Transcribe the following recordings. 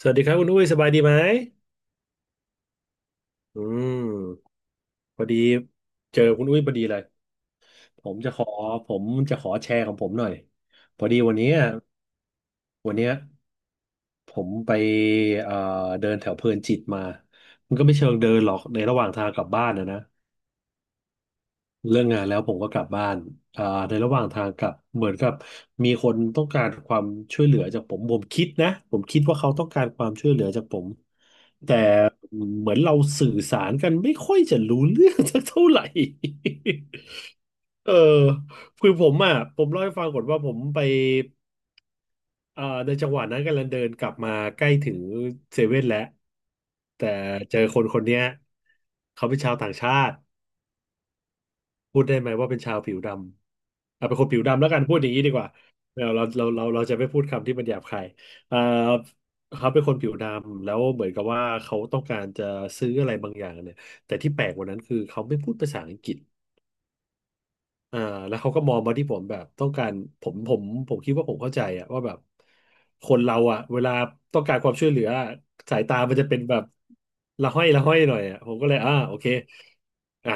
สวัสดีครับคุณอุ้ยสบายดีไหม อืมพอดีเจอคุณอุ้ยพอดีเลยผมจะขอผมจะขอแชร์ของผมหน่อยพอดีวันเนี้ยผมไปเอ่อเดินแถวเพลินจิตมา มันก็ไม่เชิงเดินหรอกในระหว่างทางกลับบ้านนะ เลิกงานแล้วผมก็กลับบ้านอ่าในระหว่างทางกลับเหมือนกับมีคนต้องการความช่วยเหลือจากผมผมคิดนะผมคิดว่าเขาต้องการความช่วยเหลือจากผมแต่เหมือนเราสื่อสารกันไม่ค่อยจะรู้เรื่องสักเท่าไหร่ เออคือผมอ่ะผมเล่าให้ฟังก่อนว่าผมไปเอ่าในจังหวะนั้นกำลังเดินกลับมาใกล้ถึงเซเว่นแล้วแต่เจอคนคนเนี้ยเขาเป็นชาวต่างชาติ พูดได้ไหมว่าเป็นชาวผิวดำอ่ะเป็นคนผิวดำแล้วกันพูดอย่างนี้ดีกว่าเราจะไม่พูดคำที่มันหยาบคายอ่าเขาเป็นคนผิวดำแล้วเหมือนกับว่าเขาต้องการจะซื้ออะไรบางอย่างเนี่ยแต่ที่แปลกกว่านั้นคือเขาไม่พูดภาษาอังกฤษ อ่าแล้วเขาก็มองมาที่ผมแบบต้องการผมผมผมคิดว่าผมเข้าใจอะว่าแบบคนเราอะเวลาต้องการความช่วยเหลืออะสายตามันจะเป็นแบบละห้อยละห้อยหน่อยอะผมก็เลยอ่าโอเคอ่ะ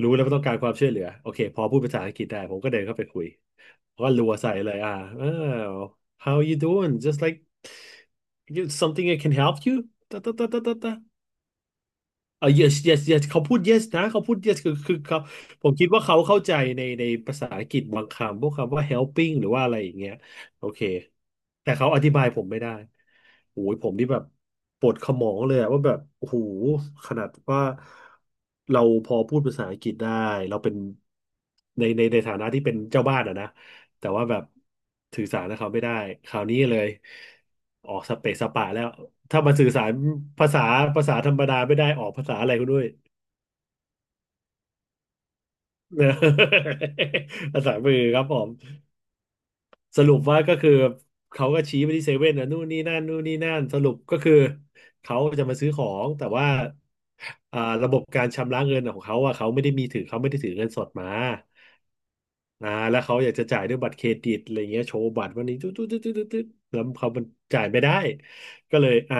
รู้แล้วว่าต้องการความช่วยเหลือโอเคพอพูดภาษาอังกฤษได้ผมก็เดินเข้าไปคุยก็รัวใส่เลยอ่าเออ how you doing just like you something I can help you ตะตะตะตะตะ เออ yes yes yes เขาพูด yes นะ เขาพูด yes คือเขาผมคิดว่าเขาเข้าใจในภาษาอังกฤษบางคำพวกคำว่า helping หรือว่าอะไรอย่างเงี้ยโอเค แต่เขาอธิบายผมไม่ได้ โอ้ยผมนี่แบบปวดขมองเลยอะว่าแบบ โอ้โหขนาดว่าเราพอพูดภาษาอังกฤษได้ เราเป็นในฐานะที่เป็นเจ้าบ้านอะนะ แต่ว่าแบบสื่อสารกับเขาไม่ได้คราวนี้เลยออกสเปซสปะแล้วถ้ามันสื่อสารภาษาภาษาธรรมดาไม่ได้ออกภาษาอะไรก็ด้วยนะ ภาษามือครับผม สรุปว่าก็คือเขาก็ชี้ไปที่เซเว่นนะนู่นนี่นั่นนู่นนี่นั่นสรุปก็คือเขาจะมาซื้อของแต่ว่าอ่าระบบการชำระเงินของเขาอ่ะเขาไม่ได้มีถือเขาไม่ได้ถือเงินสดมาอ่าแล้วเขาอยากจะจ่ายด้วยบัตรเครดิตอะไรเงี้ยโชว์บัตรวันนี้ตุ๊ดตุ๊ดตุ๊ดตุ๊ดตุ๊ดแล้วเขามันจ่ายไม่ได้ก็เลยอ่ะ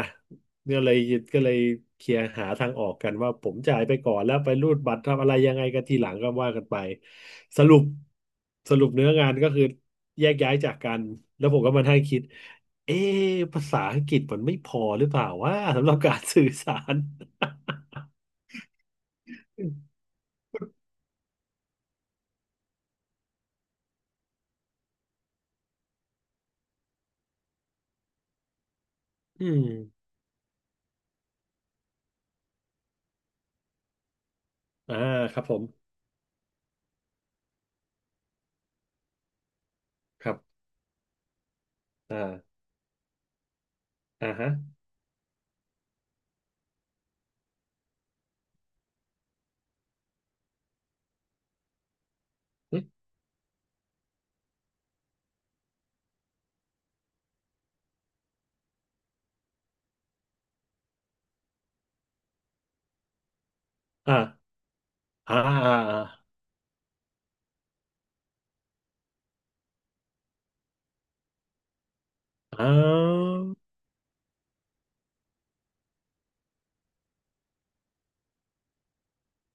ก็เลยก็เลยเคลียร์หาทางออกกันว่าผมจ่ายไปก่อนแล้วไปรูดบัตรทำอะไรยังไงกันทีหลังก็ว่ากันไปสรุปสรุปเนื้องานก็คือแยกย้ายจากกันแล้วผมก็มาให้คิดเอ๊ะภาษาอังกฤษมันไม่พอหรือเปล่าว่าสำหรับการสื่อสาร อืม อ่าครับผมครับอ่าอ่าฮะอืมอ่าอ่าอ่าอ่าอ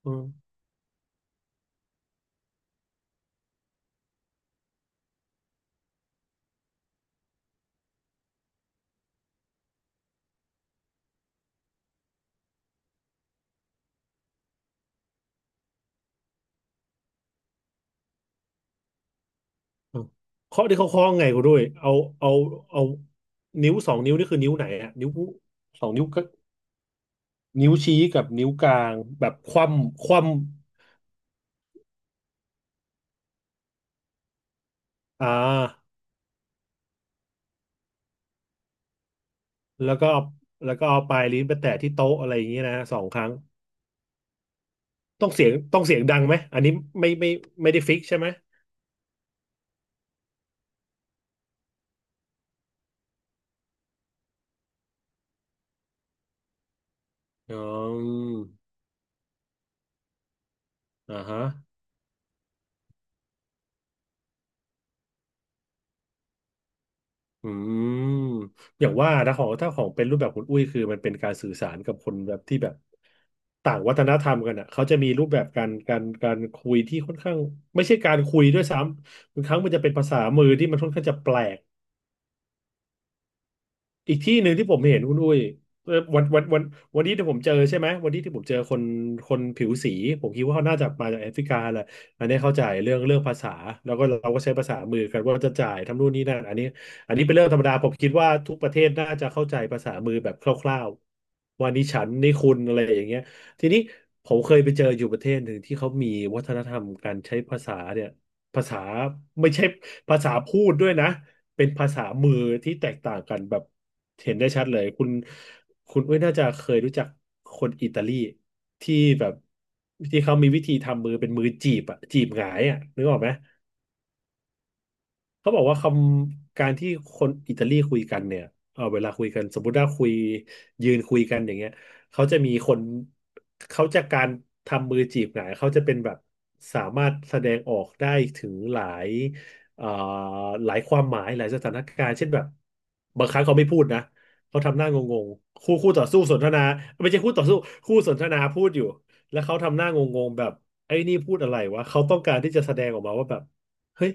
่า อ่ะเคาะที่เขาเคาะไงกูด้วยเอาเอานิ้วสองนิ้วนี่คือนิ้วไหนอะนิ้วสองนิ้วก็นิ้วชี้กับนิ้วกลางแบบคว่ำคว่ำอ่าแล้วก็เอาแล้วก็เอาปลายลิ้นไปแตะที่โต๊ะอะไรอย่างเงี้ยนะสองครั้งต้องเสียงดังไหมอันนี้ไม่ไม่ได้ฟิกใช่ไหมอ๋ออ่าฮะ อืมอย่างว่านะของถ้าของเป็นรูปแบบคุณอุ้ยคือมันเป็นการสื่อสารกับคนแบบที่แบบต่างวัฒนธรรมกันอ่ะเขาจะมีรูปแบบการคุยที่ค่อนข้างไม่ใช่การคุยด้วยซ้ำบางครั้งมันจะเป็นภาษามือที่มันค่อนข้างจะแปลก อีกที่หนึ่งที่ผมเห็นคุณอุ้ยเอ่อวันนี้ที่ผมเจอใช่ไหมวันนี้ที่ผมเจอคนผิวสีผมคิดว่าเขาน่าจะมาจากแอฟริกาแหละอันนี้เข้าใจเรื่องภาษาแล้วก็เราก็ใช้ภาษามือกันว่าจะจ่ายทำนู่นนี่นั่นอันนี้เป็นเรื่องธรรมดาผมคิดว่าทุกประเทศน่าจะเข้าใจภาษามือแบบคร่าวๆว่านี่ฉันนี่คุณอะไรอย่างเงี้ยทีนี้ผมเคยไปเจออยู่ประเทศหนึ่งที่เขามีวัฒนธรรมการใช้ภาษาเนี่ยภาษาไม่ใช่ภาษาพูดด้วยนะ เป็นภาษามือที่แตกต่างกันแบบเห็นได้ชัดเลยคุณอุ้ยน่าจะเคยรู้จักคนอิตาลีที่แบบที่เขามีวิธีทำมือเป็นมือจีบอะจีบหงายอะนึกออกไหม เขาบอกว่าคำการที่คนอิตาลีคุยกันเนี่ยเวลาคุยกันสมมติว่าคุยยืนคุยกันอย่างเงี้ยเขาจะมีคนเขาจะกการทำมือจีบหงายเขาจะเป็นแบบสามารถแสดงออกได้ถึงหลายเอ่อหลายความหมายหลายสถานการณ์เช่นแบบบางครั้งเขาไม่พูดนะเขาทำหน้างงๆคู่คู่ต่อสู้สนทนาไม่ใช่คู่ต่อสู้คู่สนทนาพูดอยู่แล้วเขาทำหน้างงๆแบบไอ้นี่พูดอะไรวะเขาต้องการที่จะแสดงออกมาว่าแบบเฮ้ย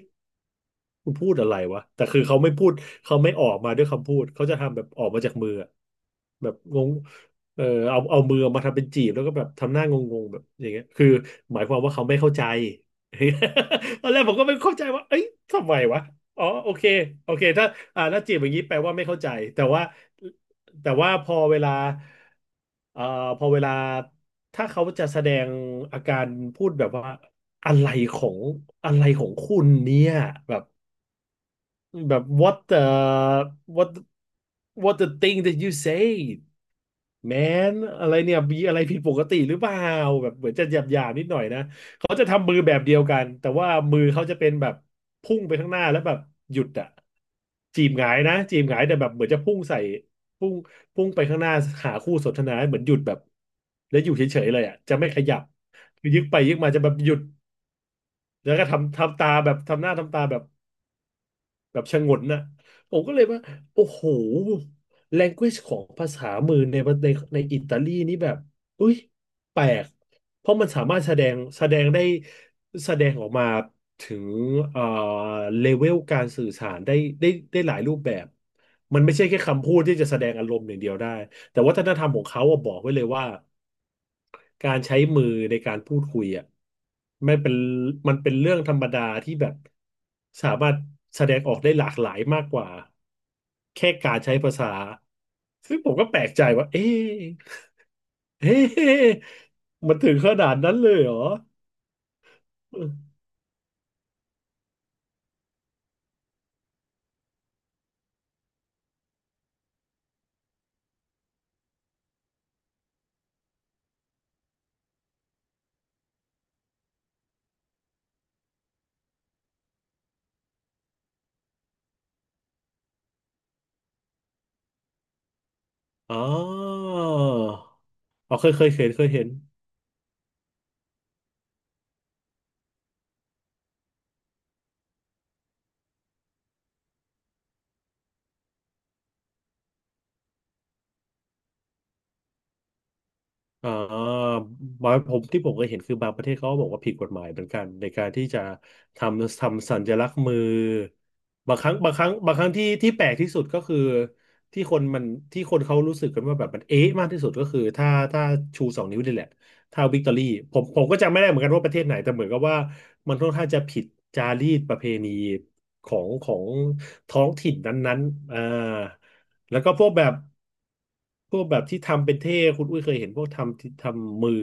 กูพูดอะไรวะแต่คือเขาไม่พูดเขาไม่ออกมาด้วยคำพูดเขาจะทำแบบออกมาจากมืออะแบบงงเออเอามือออกมาทำเป็นจีบแล้วก็แบบทำหน้างงๆแบบอย่างเงี้ยคือหมายความว่าเขาไม่เข้าใจ ตอนแรกผมก็ไม่เข้าใจว่าเอ้ยทำไมวะอ๋อโอเคโอเคถ้าจีบอย่างนี้แปลว่าไม่เข้าใจแต่ว่าพอเวลาเอ่อพอเวลาถ้าเขาจะแสดงอาการพูดแบบว่าอะไรของอะไรของคุณเนี่ยแบบ แบบ what the what what the thing that you say man อะไรเนี่ยมีอะไรผิดปกติหรือเปล่าแบบเหมือนจะหยาบนิดหน่อยนะเขาจะทำมือแบบเดียวกันแต่ว่ามือเขาจะเป็นแบบพุ่งไปข้างหน้าแล้วแบบหยุดอะจีบหงายนะจีบหงายแต่แบบเหมือนจะพุ่งใส่พุ่งพุ่งไปข้างหน้าหาคู่สนทนาเหมือนหยุดแบบแล้วอยู่เฉยๆเลยอะจะไม่ขยับคือยึกไปยึกมาจะแบบหยุดแล้วก็ทำตาแบบทำหน้าทำตาแบบ แบบชะงนน่ะผมก็เลยว่าโอ้โห language ของภาษามือในในอิตาลีนี่แบบอุ้ยแปลกเพราะมันสามารถแสดงได้แสดงออกมาถึงเอ่อเลเวลการสื่อสารได้ได้หลายรูปแบบมันไม่ใช่แค่คำพูดที่จะแสดงอารมณ์อย่างเดียวได้แต่วัฒนธรรมของเขาอะบอกไว้เลยว่า การใช้มือในการพูดคุยอ่ะไม่เป็นมันเป็นเรื่องธรรมดาที่แบบสามารถแสดงออกได้หลากหลายมากกว่าแค่การใช้ภาษาซึ่งผมก็แปลกใจว่าเอ๊ะ เอ๊ะมันถึงขนาดนั้นเลยเหรออ๋ออ๋อเคยเห็นเคยเห็น อ่าบางผมที่ผมเคยเห็นคือบางประเทศเขาก็บอกว่าผิดกฎหมายเหมือนกันในการที่จะทำสัญลักษณ์มือบางครั้งที่แปลกที่สุดก็คือที่คนมันที่คนเขารู้สึกกันว่าแบบมันเอ๊ะมากที่สุดก็คือถ้าชูสองนิ้วนี่แหละถ้าวิกตอรี่ผมก็จำไม่ได้เหมือนกันว่าประเทศไหนแต่เหมือนกับว่ามันค่อนข้างจะผิดจารีตประเพณีของท้องถิ่นนั้นๆอ่า แล้วก็พวกแบบที่ทำเป็นเท่คุณอุ้ยเคยเห็นพวกทำที่ทำมือ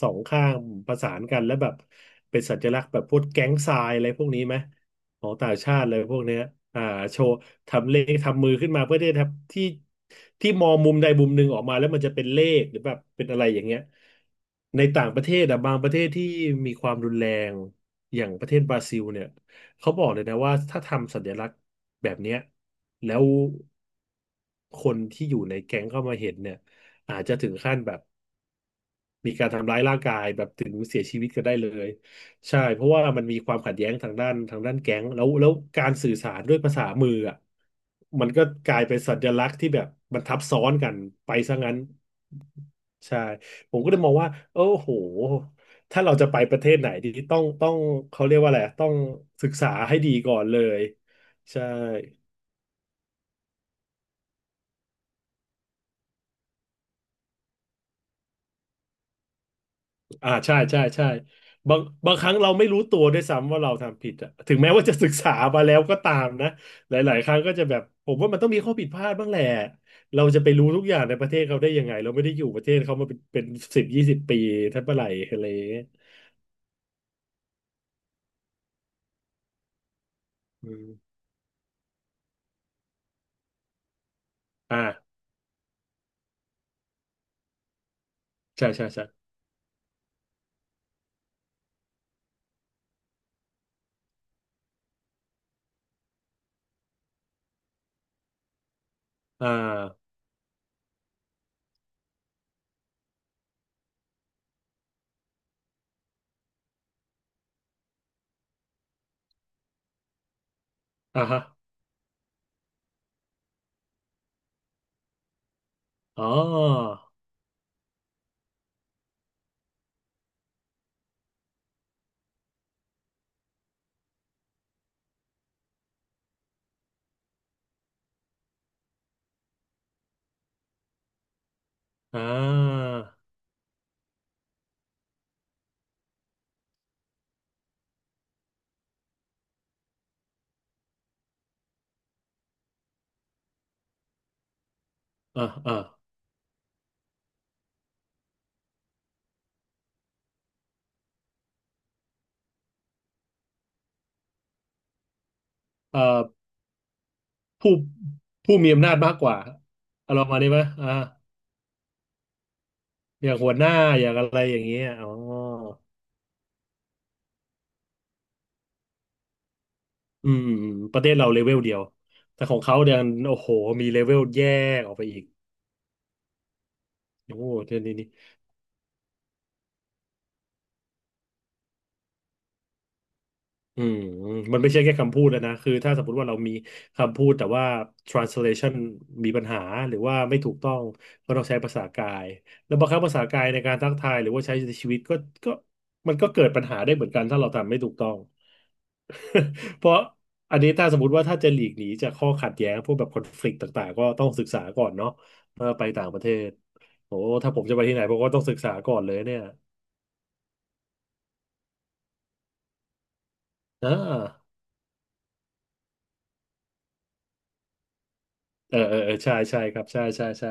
สองข้างประสานกันแล้วแบบเป็นสัญลักษณ์แบบพวกแก๊งทรายอะไรพวกนี้ไหมของต่างชาติอะไรพวกเนี้ยอ่าโชว์ทำเลขทำมือขึ้นมาเพื่อที่จะทำที่มองมุมใดมุมหนึ่งออกมาแล้วมันจะเป็นเลขหรือแบบเป็นอะไรอย่างเงี้ยในต่างประเทศอะบางประเทศที่มีความรุนแรงอย่างประเทศบราซิลเนี่ย เขาบอกเลยนะว่าถ้าทำสัญลักษณ์แบบเนี้ยแล้วคนที่อยู่ในแก๊งเข้ามาเห็นเนี่ยอาจจะถึงขั้นแบบมีการทำร้ายร่างกายแบบถึงเสียชีวิตก็ได้เลยใช่เพราะว่ามันมีความขัดแย้งทางด้านแก๊งแล้วการสื่อสารด้วยภาษามืออ่ะมันก็กลายเป็นสัญลักษณ์ที่แบบมันทับซ้อนกันไปซะงั้นใช่ผมก็เลยมองว่าโอ้โห ถ้าเราจะไปประเทศไหนดีต้องเขาเรียกว่าอะไรอะต้องศึกษาให้ดีก่อนเลยใช่อ่าใช่ใช่ใช่บางครั้งเราไม่รู้ตัวด้วยซ้ำว่าเราทำผิดอะถึงแม้ว่าจะศึกษามาแล้วก็ตามนะหลายๆครั้งก็จะแบบผมว่ามันต้องมีข้อผิดพลาดบ้างแหละเราจะไปรู้ทุกอย่างในประเทศเขาได้ยังไงเราไม่ได้อยู่ประเทศเขามาเป็นสิบยี่สิบปีทั้งเมื่อไหร่อะไรอย่างเงี้ยอืมอ่าใช่ใช่ใช่อ่าอ่าฮะอ๋ออ่าอ่าอ่าเอ่อ ผู้ผู้มีอำนาจมากกว่าอารมณ์มาณนี้ไหมอ่าอย่างหัวหน้าอย่างอะไรอย่างเงี้ยอ๋ออืมประเทศเราเลเวลเดียวแต่ของเขาเดี๋ยโอ้โหมีเลเวลแยกออกไปอีกโอ้โหเรื่องนี้นี่อืมมันไม่ใช่แค่คำพูดแล้วนะคือถ้าสมมติว่าเรามีคำพูดแต่ว่า translation มีปัญหาหรือว่าไม่ถูกต้องก็ต้องใช้ภาษากายแล้วบางครั้งภาษากายในการทักทายหรือว่าใช้ในชีวิตก็มันก็เกิดปัญหาได้เหมือนกันถ้าเราทำไม่ถูกต้อง เพราะอันนี้ถ้าสมมติว่าถ้าจะหลีกหนีจากข้อขัดแย้งพวกแบบคอนฟ lict ต่างๆก็ต้องศึกษาก่อนเนาะเมื่อไปต่างประเทศโอ้ถ้าผมจะไปที่ไหนผมก็ต้องศึกษาก่อนเลยเนี่ยอ่าเออเออเออใช่ใช่ครับใช่ใช่ใช่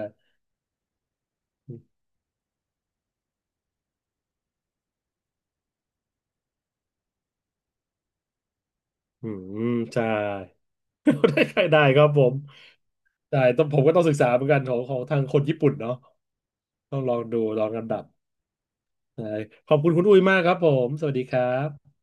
อืมใช่ ได้ใครได้ครับผมได้ต้องผมก็ต้องศึกษาเหมือนกันของทางคนญี่ปุ่นเนาะต้องลองดูลองลำดับใช่ขอบคุณคุณอุ้ยมากครับผมสวัสดีครับ